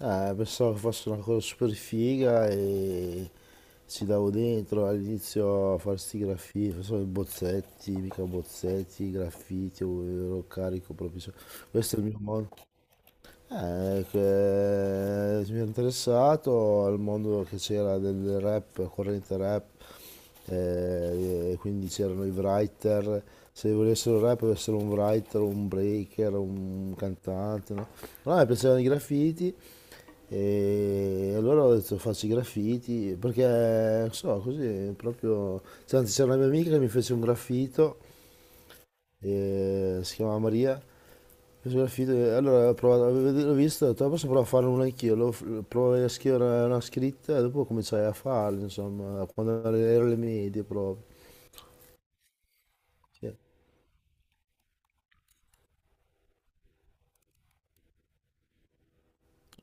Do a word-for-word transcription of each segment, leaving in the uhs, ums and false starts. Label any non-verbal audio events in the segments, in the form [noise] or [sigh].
Eh, pensavo che fosse una cosa super figa e ci davo dentro all'inizio a fare sti graffiti, facevo i bozzetti, mica bozzetti, i graffiti, ero carico proprio. su- Questo è il mio modo. Eh, che mi ero interessato al mondo che c'era del, del rap, corrente rap, eh, e quindi c'erano i writer, se volessero rap doveva essere un writer, un breaker, un cantante, no? Allora mi piacevano i graffiti e allora ho detto faccio i graffiti, perché non so, così proprio... cioè, anzi, c'era una mia amica che mi fece un graffito, eh, si chiamava Maria, sulla fit- Allora ho provato, l'ho visto, ho detto, "Ah, posso provare a farlo uno anch'io, lo, provo a scrivere una scritta e dopo cominciai a farlo, insomma, quando ero alle medie proprio. Cioè,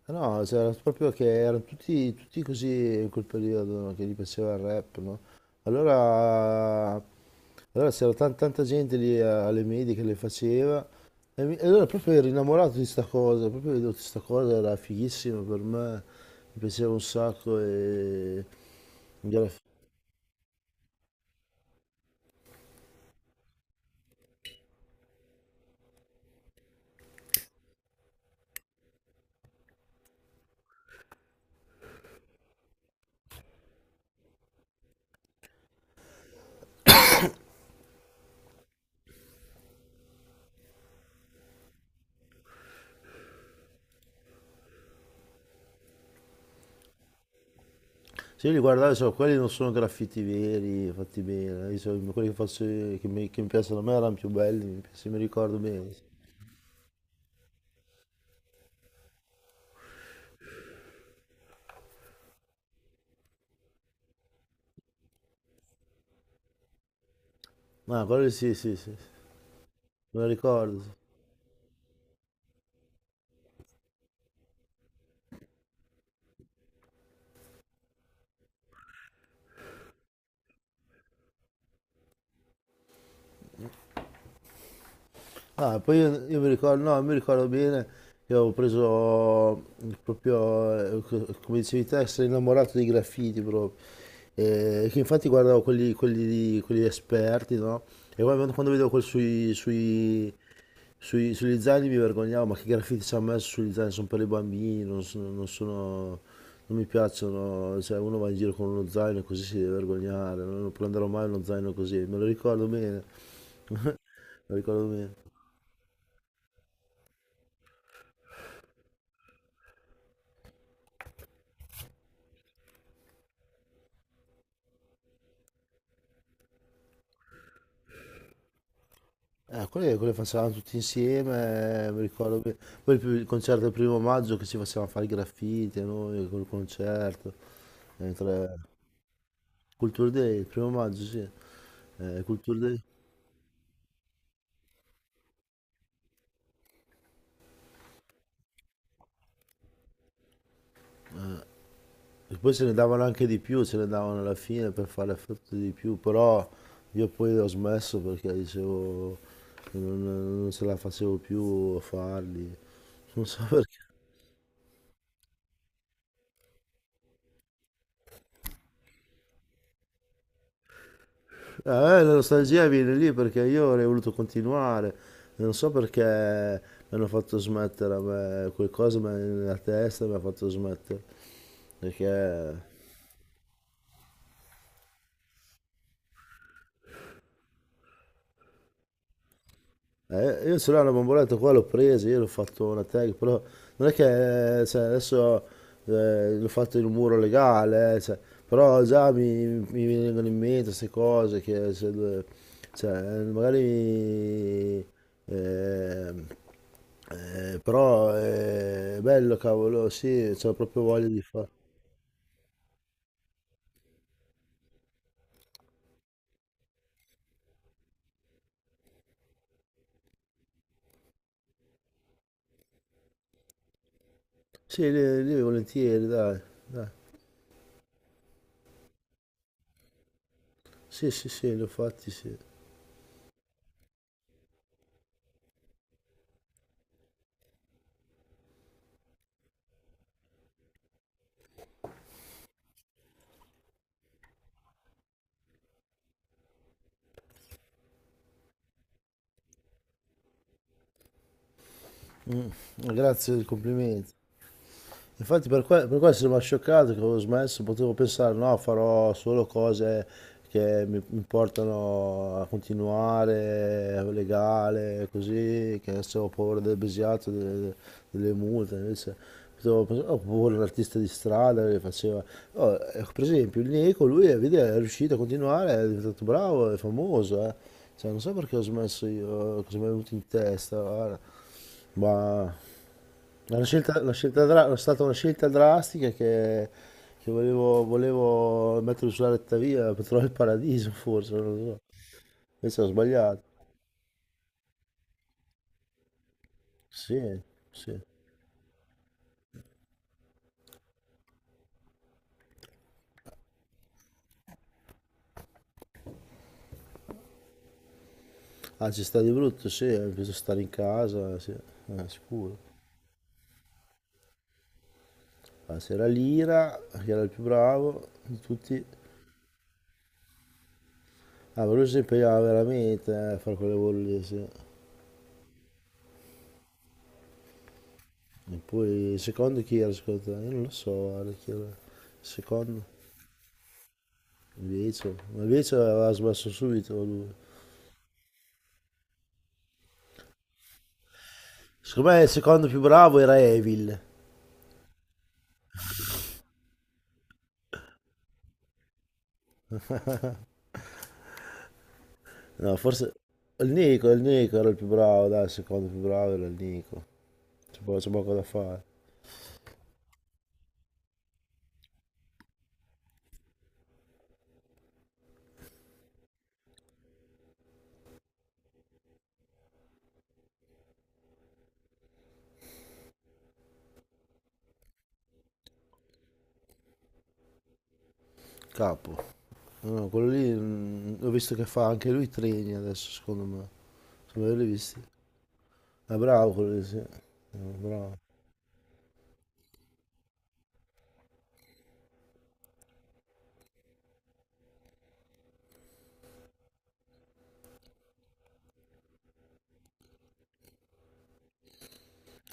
no, c'era proprio che erano tutti, tutti così in quel periodo, no, che gli piaceva il rap, no? Allora, allora c'era tan- tanta gente lì a- alle medie che le faceva e, mi- e allora proprio ero innamorato di sta cosa, proprio vedevo che sta cosa era fighissima per me, mi piaceva un sacco e... e alla Se io li guardavo, so, quelli non sono graffiti veri, fatti bene. Io so, quelli che, faccio io, che, mi, che mi piacciono a me erano più belli, se mi ricordo bene. Ma quelli sì, sì, sì, sì. Me lo ricordo, sì. Ah, poi io, io mi ricordo, no, mi ricordo bene che avevo preso proprio, eh, co- come dicevi te, essere innamorato dei graffiti proprio. E che infatti guardavo quelli, quelli, quelli esperti, no? E poi quando vedevo quel sui, sui, sui- sugli zaini mi vergognavo, ma che graffiti ci hanno messo sugli zaini? Sono per i bambini, non sono, non sono- non mi piacciono, cioè uno va in giro con uno zaino così si deve vergognare, no? Non prenderò mai uno zaino così, me lo ricordo bene, [laughs] me lo ricordo bene. Eh, quelle, quelle facevamo tutti insieme, eh, mi ricordo bene. Poi il pri- il concerto del primo maggio che ci facevamo fare i graffiti, noi col concerto. Eh, tra- Culture Day, il primo maggio, sì. Eh, Culture Day. E poi se ne davano anche di più, se ne davano alla fine per fare effetto di più, però io poi ho smesso perché dicevo che non, non ce la facevo più a farli. Non so. [laughs] Eh, la nostalgia viene lì perché io avrei voluto continuare, non so perché mi hanno fatto smettere, a me, qualcosa me- nella testa mi ha fatto smettere, perché Eh, io ce l'ho una bomboletta qua, l'ho presa, io l'ho fatto una tag, però non è che eh, cioè, adesso eh, l'ho fatto in un muro legale, eh, cioè, però già mi, mi vengono in mente queste cose che cioè, dove- cioè, magari mi- ehm, eh, però eh, è bello cavolo, sì, c'ho proprio voglia di fare. Sì, lì, lì volentieri, dai, dai. Sì, sì, sì, li ho fatti, sì. Mm. Grazie del complimento. Infatti per, que- per questo sono scioccato che avevo smesso, potevo pensare no, farò solo cose che mi, mi portano a continuare, legale, così, che adesso ho paura del besiato, delle, delle multe, invece potevo pensare, ho paura di un artista di strada che faceva, oh, ecco, per esempio il Nico, lui eh, vedi, è riuscito a continuare, è diventato bravo, è famoso, eh. Cioè, non so perché ho smesso io, cosa mi è venuto in testa, guarda. Ma... La scelta, la scelta dra- è stata una scelta drastica che, che volevo, volevo mettere sulla retta via per trovare il paradiso, forse, non lo so. Invece ho sbagliato. Sì, sì. Ah, ci sta di brutto, sì, ho bisogno stare in casa, sì, eh, sicuro. Ah, c'era Lira, che era il più bravo di tutti. Ah, ma lui si impegnava veramente eh, a fare quelle bolle, sì. E poi il secondo chi era secondo te? Io non lo so, guarda, chi era il secondo. Invece, ma invece aveva smesso subito lui. Secondo me il secondo più bravo era Evil. No, forse... Il Nico, il Nico era il più bravo, dai, il secondo più bravo era il Nico. C'è poco, c'è poco da fare. Capo. No, quello lì, mm, ho visto che fa anche lui treni adesso, secondo me. Secondo me l'hai visti. Ah, bravo quello lì, sì. Ah, bravo.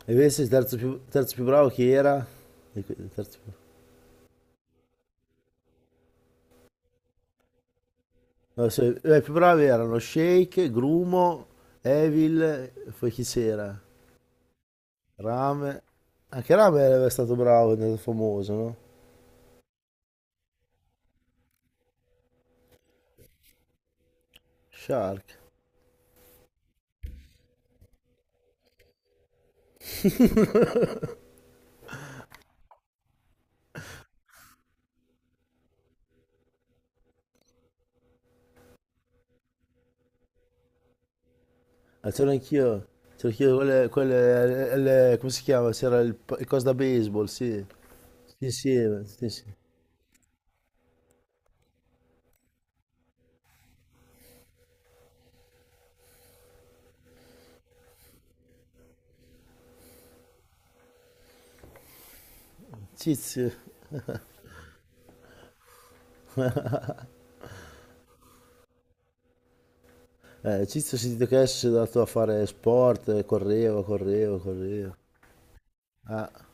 E invece il terzo più, terzo più bravo chi era? Il que- il terzo più- No, se- eh, i più bravi erano Shake, Grumo, Evil, poi chi c'era? Rame. Anche Rame era stato bravo, è stato famoso, no? Shark. Ah, c'ero anch'io. C'ero anch'io quelle, quelle- le- le- come si chiama? C'era il, il coso da baseball, sì. Sì, sì, sì, sì. Cizio. Eh, Cizio ho sentito che adesso si è andato a fare sport, eh, correva, correva, correva. Ah,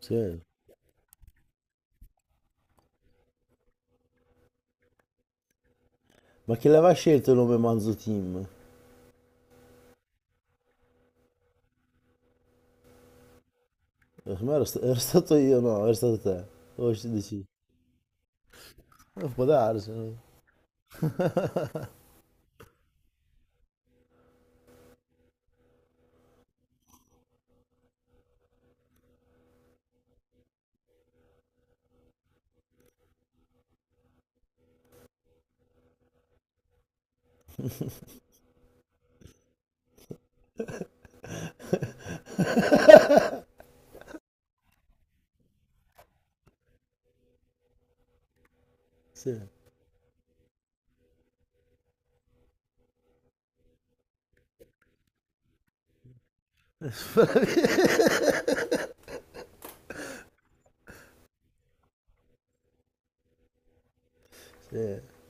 sì. Ma chi l'aveva scelto il nome Manzo Team? Eh, secondo me ero, sta- ero stato io, no, ero stato te. O ci dici? Eh, Può darsi, no? Sì, sì.